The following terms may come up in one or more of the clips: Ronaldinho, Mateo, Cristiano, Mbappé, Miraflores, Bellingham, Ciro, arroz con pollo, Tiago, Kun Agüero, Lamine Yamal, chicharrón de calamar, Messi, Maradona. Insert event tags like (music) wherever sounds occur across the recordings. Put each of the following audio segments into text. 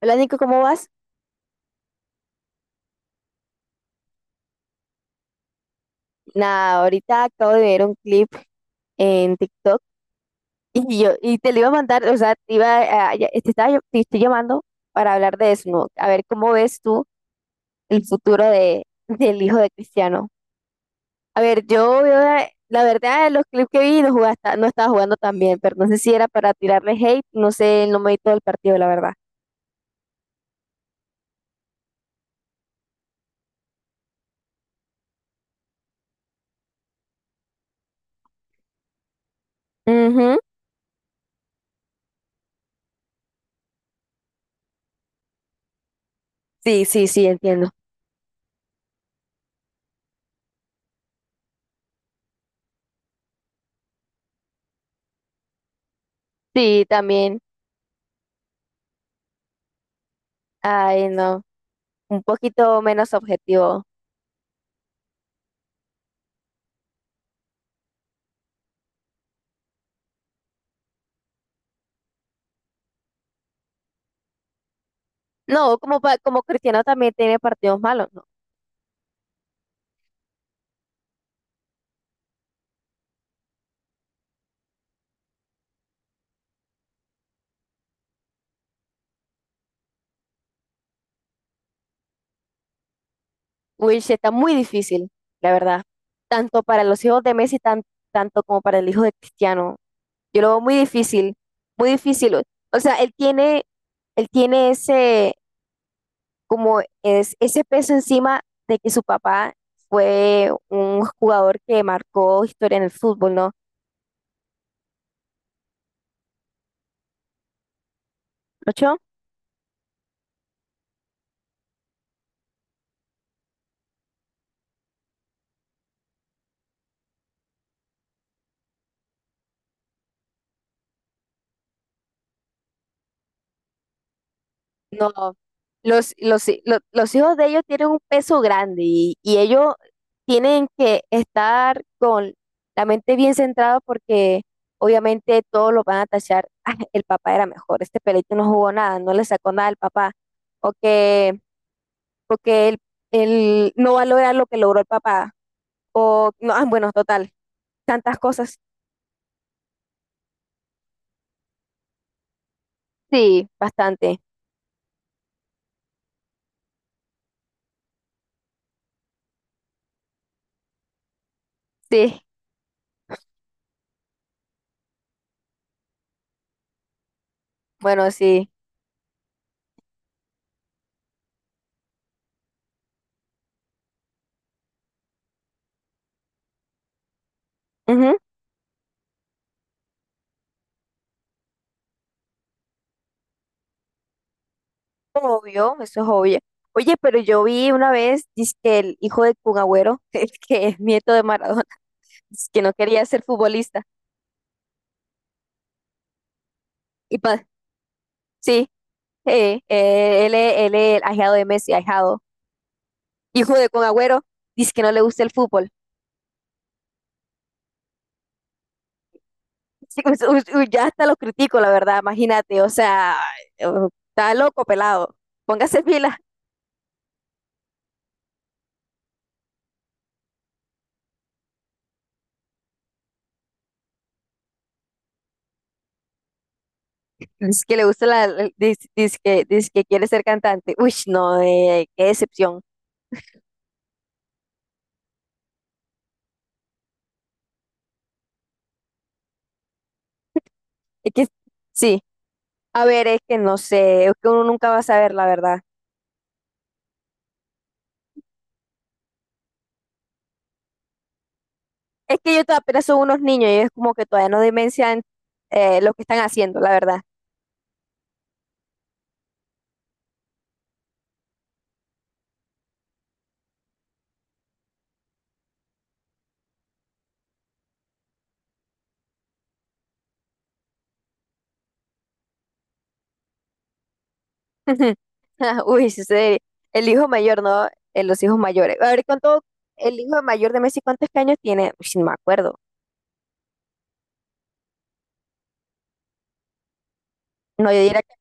Hola Nico, ¿cómo vas? Nada, ahorita acabo de ver un clip en TikTok y yo y te lo iba a mandar, o sea, te iba a- ya- te estoy llamando para hablar de eso, ¿no? A ver cómo ves tú el futuro de del hijo de Cristiano. A ver, yo veo la verdad los clips que vi no estaba jugando tan bien, pero no sé si era para tirarle hate, no sé, no me vi todo el partido, la verdad. Ujú. Sí, sí, sí, entiendo. Sí, también. Ay, no, un poquito menos objetivo. No, como, como Cristiano también tiene partidos malos, ¿no? Wilsh, está muy difícil, la verdad. Tanto para los hijos de Messi, tanto como para el hijo de Cristiano. Yo lo veo muy difícil, muy difícil. O sea, él tiene ese, como es, ese peso encima de que su papá fue un jugador que marcó historia en el fútbol, ¿no? No, los hijos de ellos tienen un peso grande y ellos tienen que estar con la mente bien centrada porque obviamente todos lo van a tachar. "Ah, el papá era mejor, este pelito no jugó nada, no le sacó nada al papá." O que, porque él no va a lograr lo que logró el papá. O, no, ah, bueno, total, tantas cosas. Sí, bastante. Sí, bueno, sí. Obvio, eso es obvio. Oye, pero yo vi una vez, dice que el hijo de Kun Agüero, (laughs) el que es nieto de Maradona, dice que no quería ser futbolista. Y pa- sí, él es el ahijado de Messi, ahijado. Hijo de Kun Agüero, dice que no le gusta el fútbol. (laughs) Sí, pues, uy, uy, ya hasta lo critico, la verdad, imagínate, o sea, eh, está loco, pelado. Póngase pila. Dice que le gusta dice que quiere ser cantante. Uy, no, qué decepción. Es que sí. A ver, es que no sé, es que uno nunca va a saber la verdad. Es que ellos todavía apenas son unos niños y es como que todavía no dimensionan lo que están haciendo, la verdad. (laughs) Uy, sí, sí, el hijo mayor, ¿no? Los hijos mayores. A ver, ¿cuánto el hijo mayor de Messi, cuántos años tiene Uy, sí, no me acuerdo. No, yo diría que,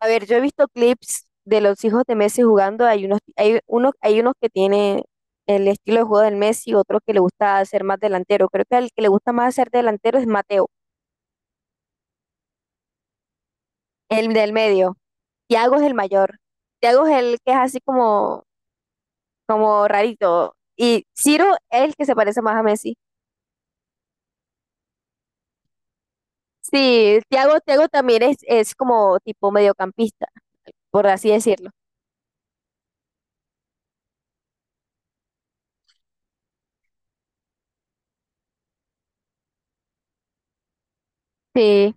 a ver, yo he visto clips de los hijos de Messi jugando, hay unos que tienen el estilo de juego del Messi, otro que le gusta ser más delantero. Creo que el que le gusta más ser delantero es Mateo, el del medio. Tiago es el mayor. Tiago es el que es así como, como rarito. Y Ciro es el que se parece más a Messi. Sí, Tiago también es como tipo mediocampista, por así decirlo. Sí.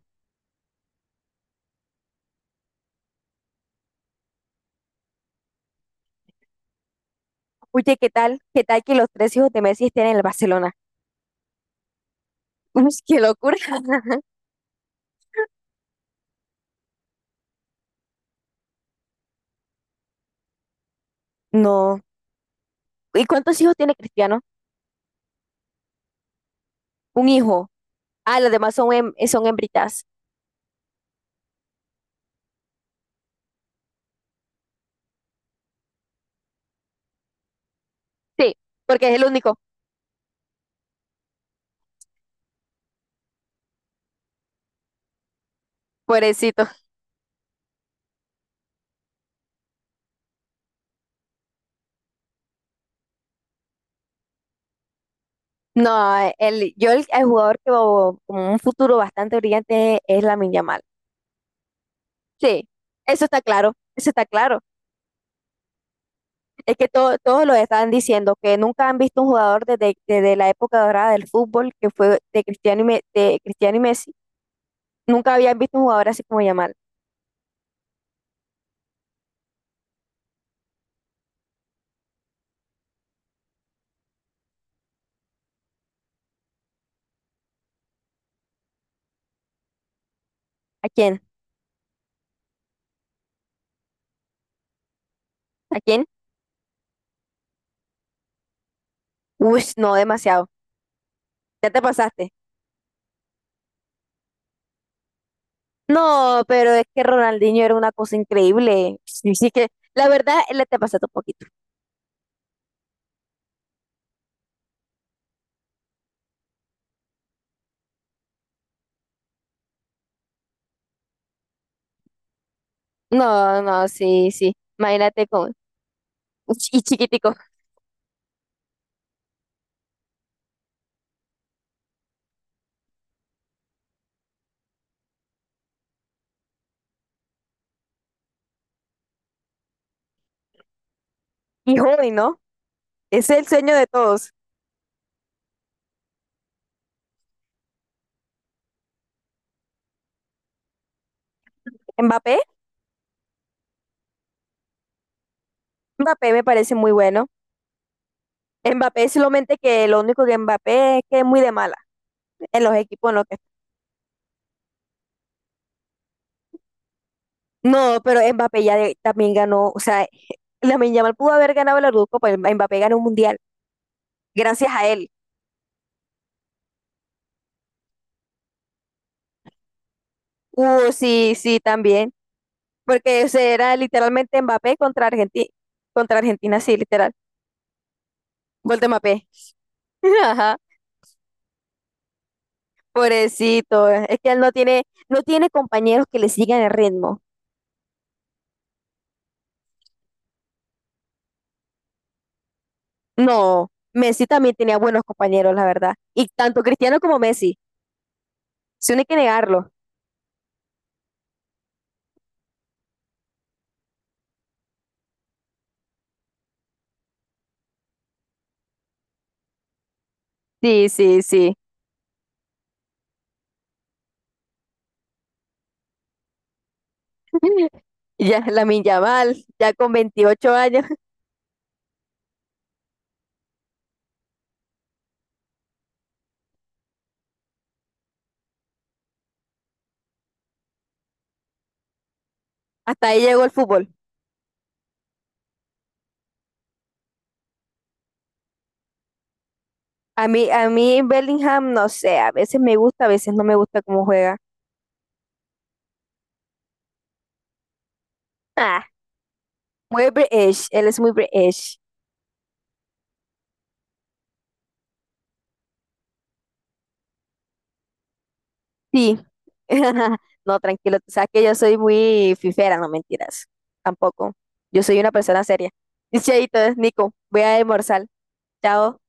Oye, ¿qué tal? ¿Qué tal que los tres hijos de Messi estén en el Barcelona? (laughs) Uy, qué locura. (laughs) No. ¿Y cuántos hijos tiene Cristiano? Un hijo. Ah, los demás son, son hembritas. Sí, porque es el único. Pobrecito. No, el jugador que veo como un futuro bastante brillante es Lamine Yamal. Sí, eso está claro, eso está claro. Es que todos lo están diciendo, que nunca han visto un jugador desde, desde la época dorada del fútbol, que fue de Cristiano y de Cristiano y Messi. Nunca habían visto un jugador así como Yamal. ¿A quién? ¿A quién? Uy, no, demasiado. Ya te pasaste. No, pero es que Ronaldinho era una cosa increíble. Sí, sí que, la verdad, le te pasaste un poquito. No, no, sí, sí. Imagínate con y chiquitico. Y joven, ¿no? Es el sueño de todos. Mbappé, Mbappé me parece muy bueno. Mbappé solamente que lo único que Mbappé es que es muy de mala en los equipos en los que... No, pero Mbappé también ganó, o sea, (laughs) Lamine Yamal pudo haber ganado el Eurocopa, pero Mbappé ganó un mundial gracias a él. Sí, sí, también, porque o sea, era literalmente Mbappé contra Argentina, sí, literal. Gol de Mbappé. (laughs) Ajá, pobrecito, es que él no tiene no tiene compañeros que le sigan el ritmo. No, Messi también tenía buenos compañeros, la verdad. Y tanto Cristiano como Messi. Si no, hay que negarlo. Sí, sí, sí. (laughs) Ya Lamine Yamal, ya con 28 años. (laughs) Hasta ahí llegó el fútbol. A mí Bellingham, no sé, a veces me gusta, a veces no me gusta cómo juega. Ah, muy British, él es muy British. Sí. (laughs) No, tranquilo, tú sabes que yo soy muy fifera, no mentiras. Tampoco. Yo soy una persona seria. Y Chaito, Nico, voy a almorzar. Chao.